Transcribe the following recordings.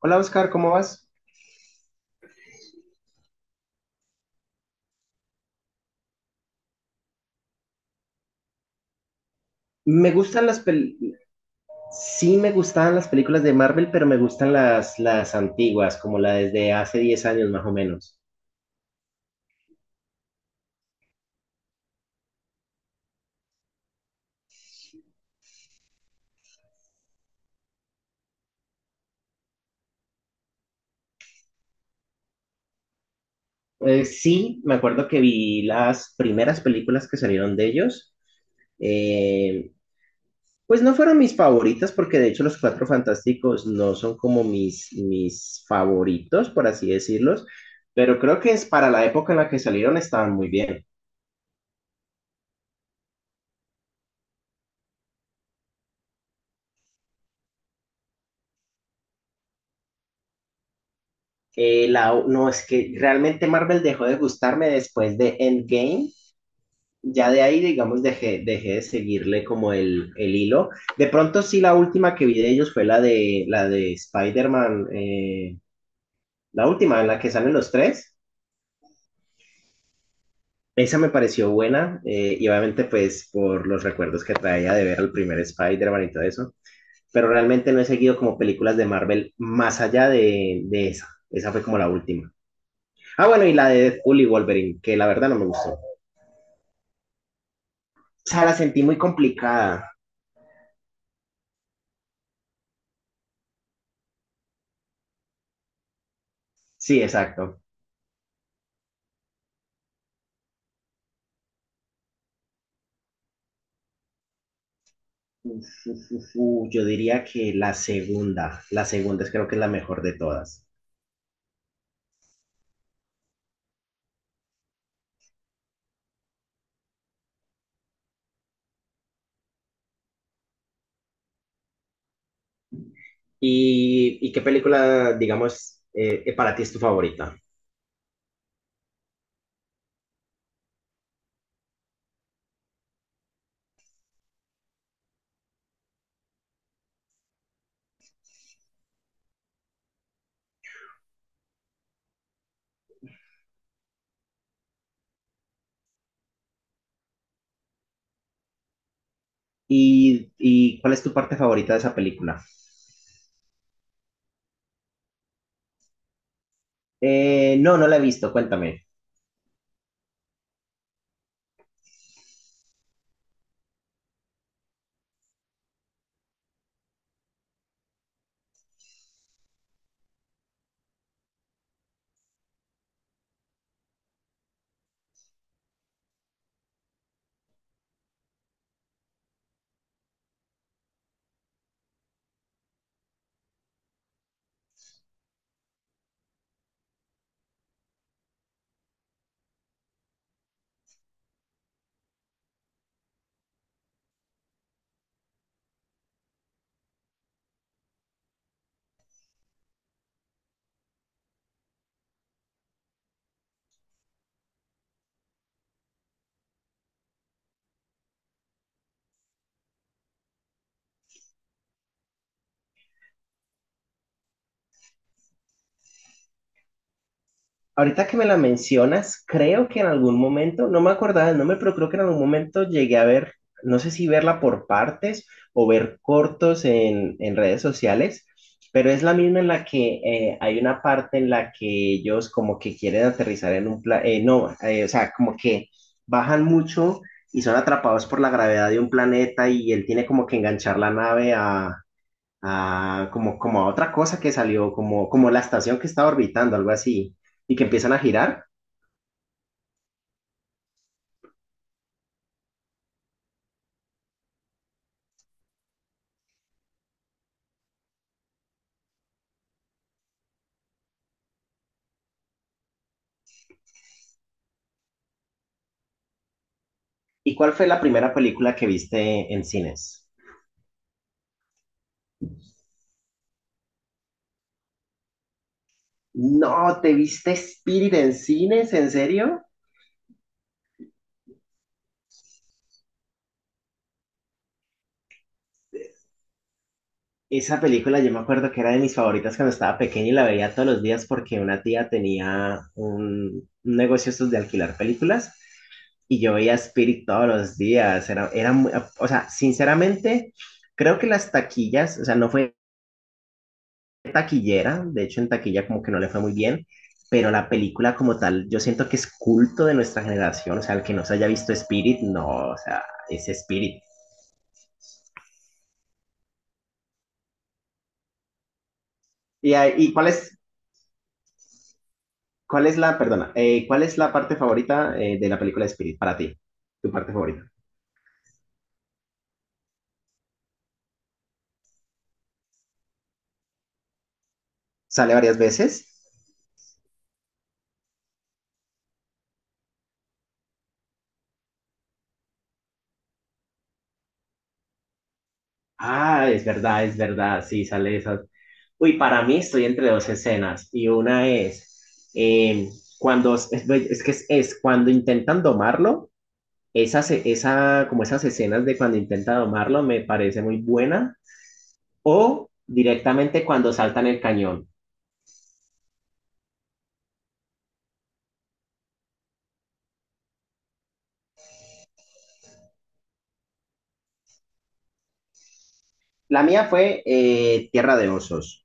Hola Oscar, ¿cómo vas? Me gustan las pel... Sí me gustaban las películas de Marvel, pero me gustan las antiguas, como la desde hace 10 años más o menos. Sí, me acuerdo que vi las primeras películas que salieron de ellos. Eh, pues no fueron mis favoritas, porque de hecho Los Cuatro Fantásticos no son como mis favoritos, por así decirlos, pero creo que es para la época en la que salieron estaban muy bien. No, es que realmente Marvel dejó de gustarme después de Endgame. Ya de ahí, digamos, dejé de seguirle como el hilo. De pronto sí, la última que vi de ellos fue la de Spider-Man, la última en la que salen los tres. Esa me pareció buena, y obviamente pues por los recuerdos que traía de ver al primer Spider-Man y todo eso. Pero realmente no he seguido como películas de Marvel más allá de esa. Esa fue como la última. Ah, bueno, y la de Deadpool y Wolverine, que la verdad no me gustó. Sea, la sentí muy complicada. Sí, exacto. Uf, yo diría que la segunda es creo que es la mejor de todas. Y qué película, digamos, para ti es tu favorita? Y cuál es tu parte favorita de esa película? No la he visto, cuéntame. Ahorita que me la mencionas, creo que en algún momento, no me acordaba del nombre, pero creo que en algún momento llegué a ver, no sé si verla por partes o ver cortos en redes sociales, pero es la misma en la que hay una parte en la que ellos como que quieren aterrizar en un planeta, no, o sea, como que bajan mucho y son atrapados por la gravedad de un planeta y él tiene como que enganchar la nave. Ah, como a otra cosa que salió, como la estación que estaba orbitando, algo así, y que empiezan a girar. ¿Y cuál fue la primera película que viste en cines? No, ¿te viste Spirit en cines? ¿En serio? Esa película yo me acuerdo que era de mis favoritas cuando estaba pequeña y la veía todos los días porque una tía tenía un negocio estos de alquilar películas y yo veía Spirit todos los días. Era muy, o sea, sinceramente, creo que las taquillas, o sea, no fue taquillera, de hecho en taquilla como que no le fue muy bien, pero la película como tal, yo siento que es culto de nuestra generación, o sea, el que no se haya visto Spirit, no, o sea, es Spirit. ¿Y, ah, y cuál es la, perdona, cuál es la parte favorita, de la película de Spirit para ti? ¿Tu parte favorita? ¿Sale varias veces? Ah, es verdad, sí, sale esa. Uy, para mí estoy entre dos escenas y una es, cuando, es que es cuando intentan domarlo. Como esas escenas de cuando intenta domarlo me parece muy buena. O directamente cuando saltan el cañón. La mía fue, Tierra de Osos.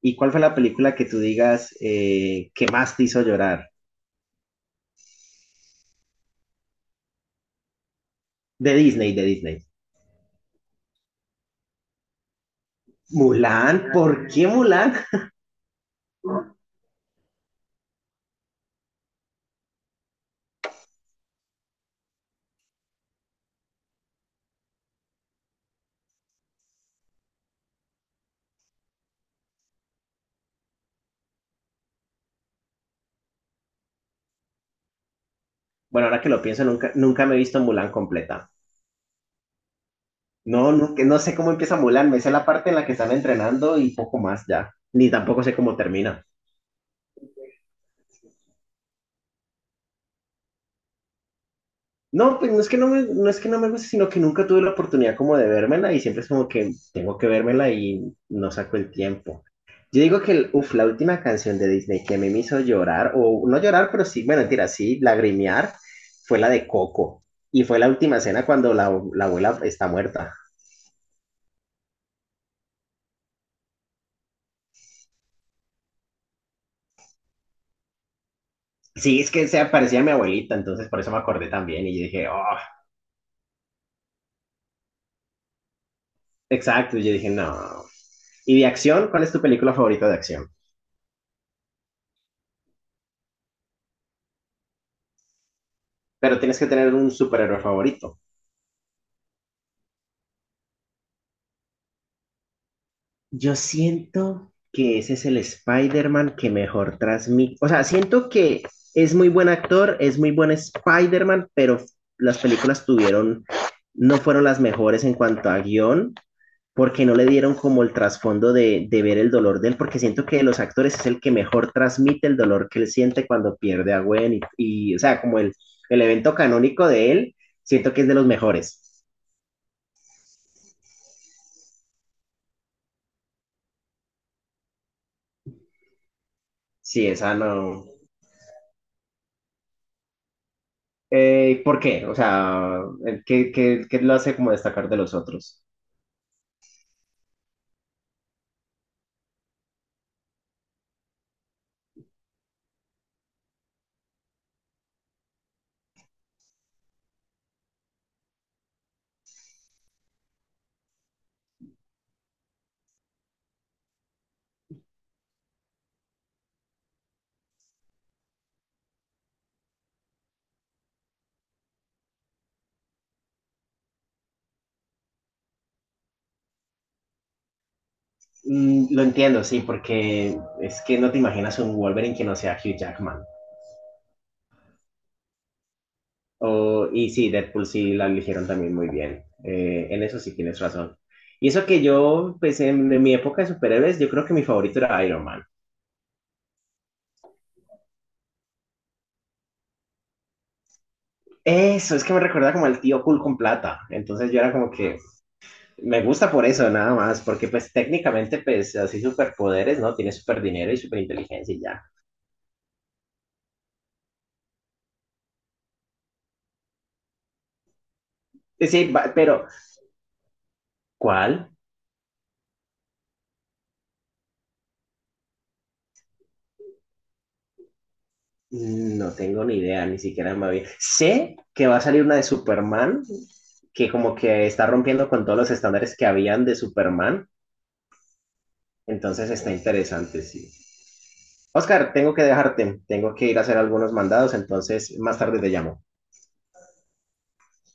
¿Y cuál fue la película que tú digas, que más te hizo llorar? De Disney, de Disney. Mulan, ¿por qué Mulan? Bueno, ahora que lo pienso, nunca me he visto Mulan completa. No, no, que no sé cómo empieza Mulan, me sé la parte en la que están entrenando y poco más ya. Ni tampoco sé cómo termina. No, pues no es que no me guste, sino que nunca tuve la oportunidad como de vérmela y siempre es como que tengo que vérmela y no saco el tiempo. Yo digo que, el- uf, la última canción de Disney que a mí me hizo llorar, o no llorar, pero sí, bueno, mentira, sí, lagrimear, fue la de Coco. Y fue la última escena cuando la abuela está muerta. Sí, es que se parecía a mi abuelita, entonces por eso me acordé también. Y yo dije, oh, exacto. Y yo dije, no. ¿Y de acción? ¿Cuál es tu película favorita de acción? Pero tienes que tener un superhéroe favorito. Yo siento que ese es el Spider-Man que mejor transmite. O sea, siento que es muy buen actor, es muy buen Spider-Man, pero las películas tuvieron, no fueron las mejores en cuanto a guión, porque no le dieron como el trasfondo de ver el dolor de él, porque siento que de los actores es el que mejor transmite el dolor que él siente cuando pierde a Gwen o sea, como el evento canónico de él, siento que es de los mejores. Sí, esa no. ¿Por qué? O sea, ¿ qué lo hace como destacar de los otros? Mm, lo entiendo, sí, porque es que no te imaginas un Wolverine que no sea Hugh Jackman. O- y sí, Deadpool sí la eligieron también muy bien. En eso sí tienes razón. Y eso que yo, pues en mi época de superhéroes, yo creo que mi favorito era Iron Man. Eso, es que me recuerda como al tío cool con plata. Entonces yo era como que me gusta por eso, nada más, porque pues técnicamente, pues así superpoderes, ¿no? Tiene super dinero y super inteligencia y ya. Sí, pero ¿cuál? No tengo ni idea, ni siquiera me había... Sé que va a salir una de Superman, que como que está rompiendo con todos los estándares que habían de Superman, entonces está interesante, sí. Oscar, tengo que dejarte, tengo que ir a hacer algunos mandados, entonces más tarde te llamo.